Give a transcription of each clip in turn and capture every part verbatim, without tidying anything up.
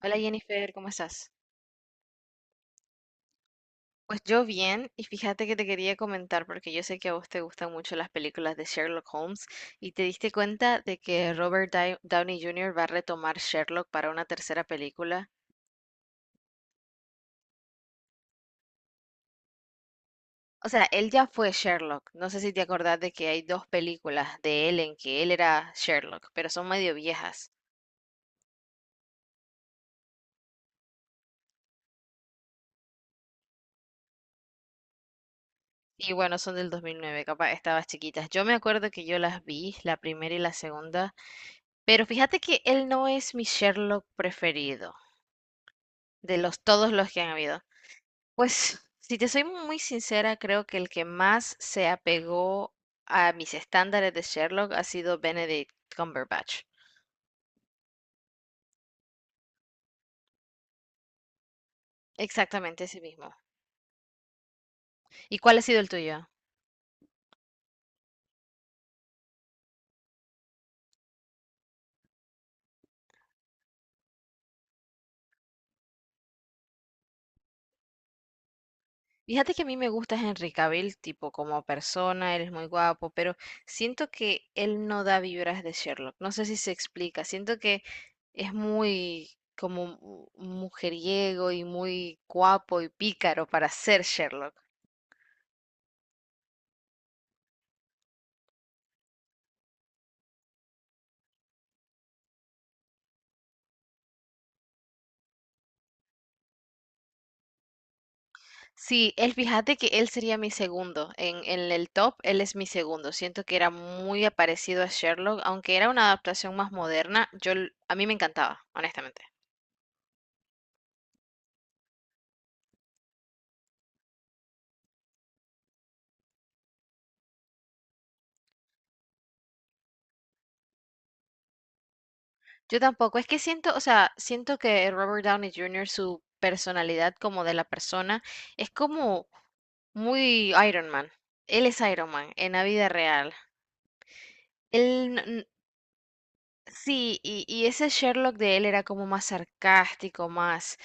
Hola Jennifer, ¿cómo estás? Pues yo bien, y fíjate que te quería comentar porque yo sé que a vos te gustan mucho las películas de Sherlock Holmes y te diste cuenta de que Robert Dai- Downey junior va a retomar Sherlock para una tercera película. O sea, él ya fue Sherlock. No sé si te acordás de que hay dos películas de él en que él era Sherlock, pero son medio viejas. Y bueno, son del dos mil nueve, capaz estabas chiquitas. Yo me acuerdo que yo las vi, la primera y la segunda, pero fíjate que él no es mi Sherlock preferido de los todos los que han habido. Pues, si te soy muy sincera, creo que el que más se apegó a mis estándares de Sherlock ha sido Benedict Cumberbatch. Exactamente ese mismo. ¿Y cuál ha sido el tuyo? Fíjate que a mí me gusta Henry Cavill, tipo como persona, él es muy guapo, pero siento que él no da vibras de Sherlock. No sé si se explica. Siento que es muy como mu- mujeriego y muy guapo y pícaro para ser Sherlock. Sí, él, fíjate que él sería mi segundo. En, en el top, él es mi segundo. Siento que era muy parecido a Sherlock, aunque era una adaptación más moderna. Yo, l- a mí me encantaba, honestamente. Yo tampoco. Es que siento, o sea, siento que Robert Downey junior, su personalidad como de la persona, es como muy Iron Man. Él es Iron Man en la vida real. Él, Sí, y, y ese Sherlock de él era como más sarcástico, más,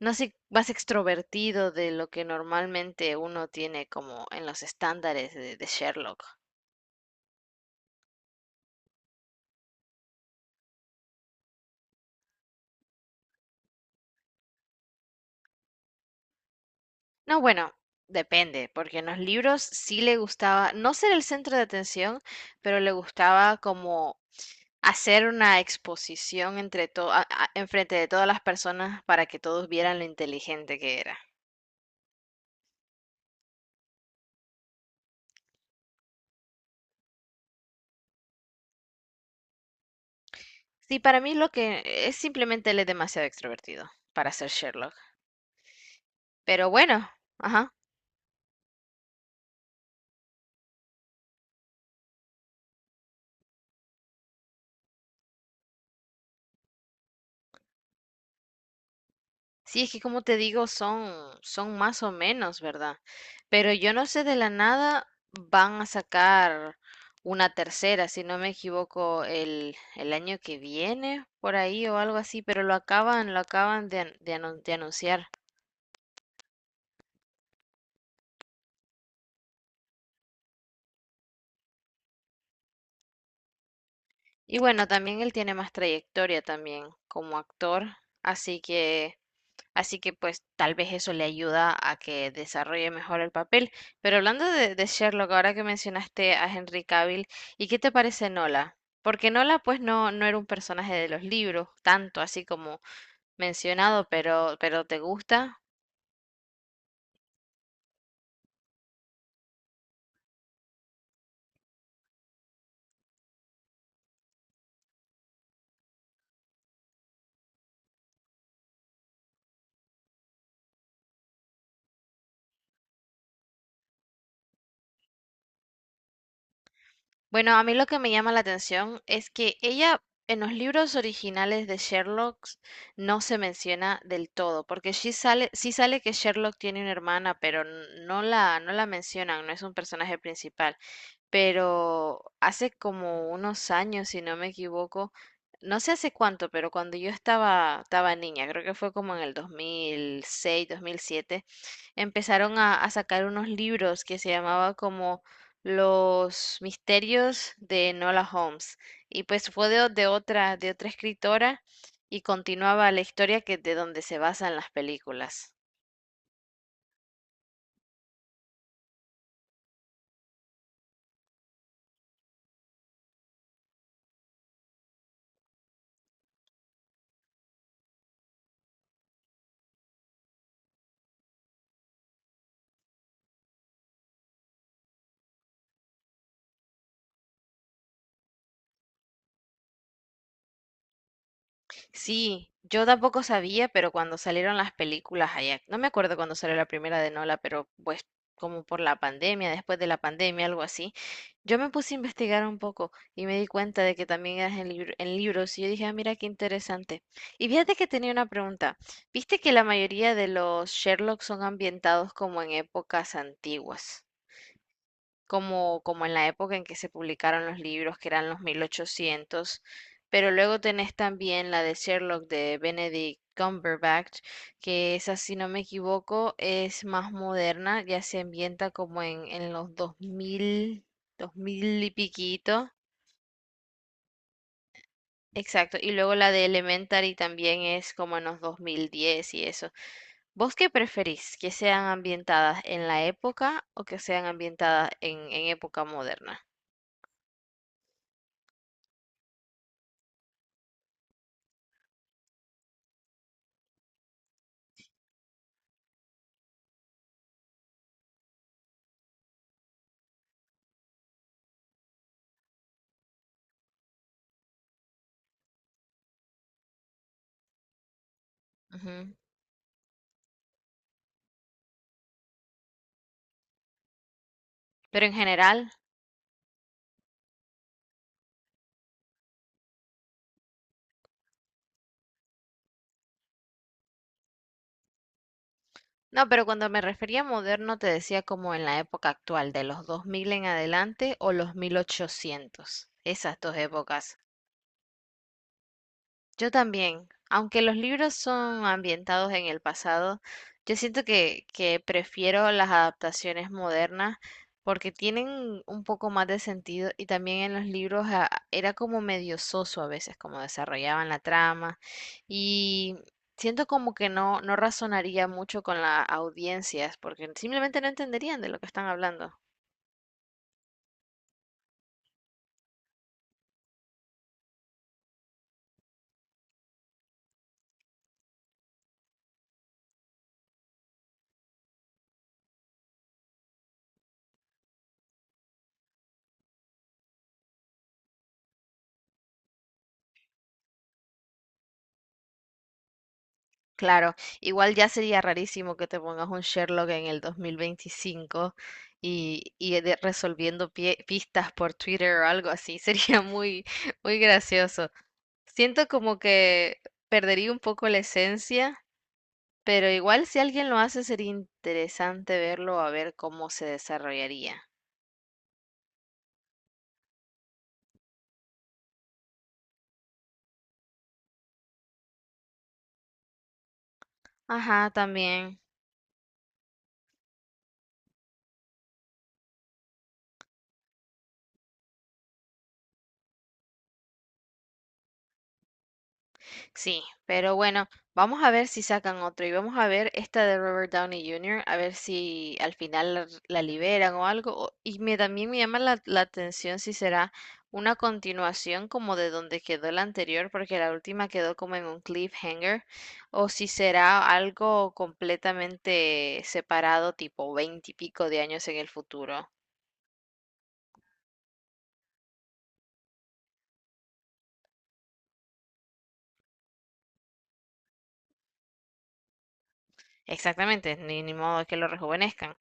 no sé, más extrovertido de lo que normalmente uno tiene como en los estándares de, de Sherlock. No, bueno, depende, porque en los libros sí le gustaba, no ser el centro de atención, pero le gustaba como hacer una exposición entre to- a- a- enfrente de todas las personas para que todos vieran lo inteligente que era. Sí, para mí lo que es simplemente él es demasiado extrovertido para ser Sherlock. Pero bueno, ajá. Sí, es que como te digo, son, son más o menos, ¿verdad? Pero yo no sé de la nada, van a sacar una tercera, si no me equivoco, el, el año que viene, por ahí o algo así, pero lo acaban, lo acaban de, an- de anun- de anunciar. Y bueno, también él tiene más trayectoria también como actor, así que Así que pues tal vez eso le ayuda a que desarrolle mejor el papel. Pero hablando de, de Sherlock, ahora que mencionaste a Henry Cavill, ¿y qué te parece Nola? Porque Nola pues no, no era un personaje de los libros, tanto así como mencionado, pero, pero ¿te gusta? Bueno, a mí lo que me llama la atención es que ella en los libros originales de Sherlock no se menciona del todo, porque sí sale, sí sale que Sherlock tiene una hermana, pero n- no la, no la mencionan, no es un personaje principal. Pero hace como unos años, si no me equivoco, no sé hace cuánto, pero cuando yo estaba, estaba niña, creo que fue como en el dos mil seis, dos mil siete, empezaron a, a sacar unos libros que se llamaba como Los misterios de Enola Holmes. Y pues fue de, o- de otra, de otra escritora y continuaba la historia que de donde se basan las películas. Sí, yo tampoco sabía, pero cuando salieron las películas allá, no me acuerdo cuando salió la primera de Nola, pero pues como por la pandemia, después de la pandemia, algo así, yo me puse a investigar un poco y me di cuenta de que también eras en, libr- en libros y yo dije, ah, mira qué interesante. Y fíjate que tenía una pregunta. ¿Viste que la mayoría de los Sherlock son ambientados como en épocas antiguas? como, como en la época en que se publicaron los libros, que eran los mil ochocientos. Pero luego tenés también la de Sherlock de Benedict Cumberbatch, que esa, si no me equivoco, es más moderna, ya se ambienta como en, en los dos mil dos mil y piquito. Exacto, y luego la de Elementary también es como en los dos mil diez y eso. ¿Vos qué preferís? ¿Que sean ambientadas en la época o que sean ambientadas en, en época moderna? Pero en general, no, pero cuando me refería a moderno te decía como en la época actual, de los dos mil en adelante o los mil ochocientos, esas dos épocas. Yo también, aunque los libros son ambientados en el pasado, yo siento que, que prefiero las adaptaciones modernas porque tienen un poco más de sentido y también en los libros ah, era como medio soso a veces como desarrollaban la trama y siento como que no, no razonaría mucho con las audiencias porque simplemente no entenderían de lo que están hablando. Claro, igual ya sería rarísimo que te pongas un Sherlock en el dos mil veinticinco y, y de- resolviendo pie- pistas por Twitter o algo así, sería muy, muy gracioso. Siento como que perdería un poco la esencia, pero igual si alguien lo hace sería interesante verlo a ver cómo se desarrollaría. Ajá, también. Sí, pero bueno, vamos a ver si sacan otro y vamos a ver esta de Robert Downey junior, a ver si al final la, la liberan o algo. o- Y me, también me llama la, la atención si será una continuación como de donde quedó la anterior, porque la última quedó como en un cliffhanger, o si será algo completamente separado, tipo veinte y pico de años en el futuro. Exactamente, ni, ni modo que lo rejuvenezcan.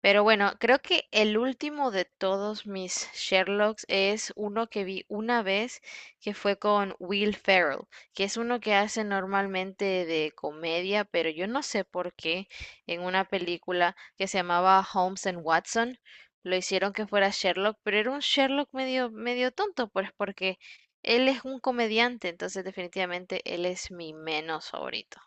Pero bueno, creo que el último de todos mis Sherlocks es uno que vi una vez, que fue con Will Ferrell, que es uno que hace normalmente de comedia, pero yo no sé por qué en una película que se llamaba Holmes and Watson lo hicieron que fuera Sherlock, pero era un Sherlock medio medio tonto, pues porque él es un comediante, entonces definitivamente él es mi menos favorito.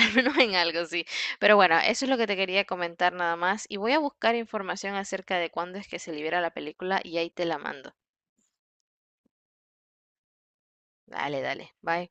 Al menos en algo, sí. Pero bueno, eso es lo que te quería comentar nada más. Y voy a buscar información acerca de cuándo es que se libera la película y ahí te la mando. Dale, dale. Bye.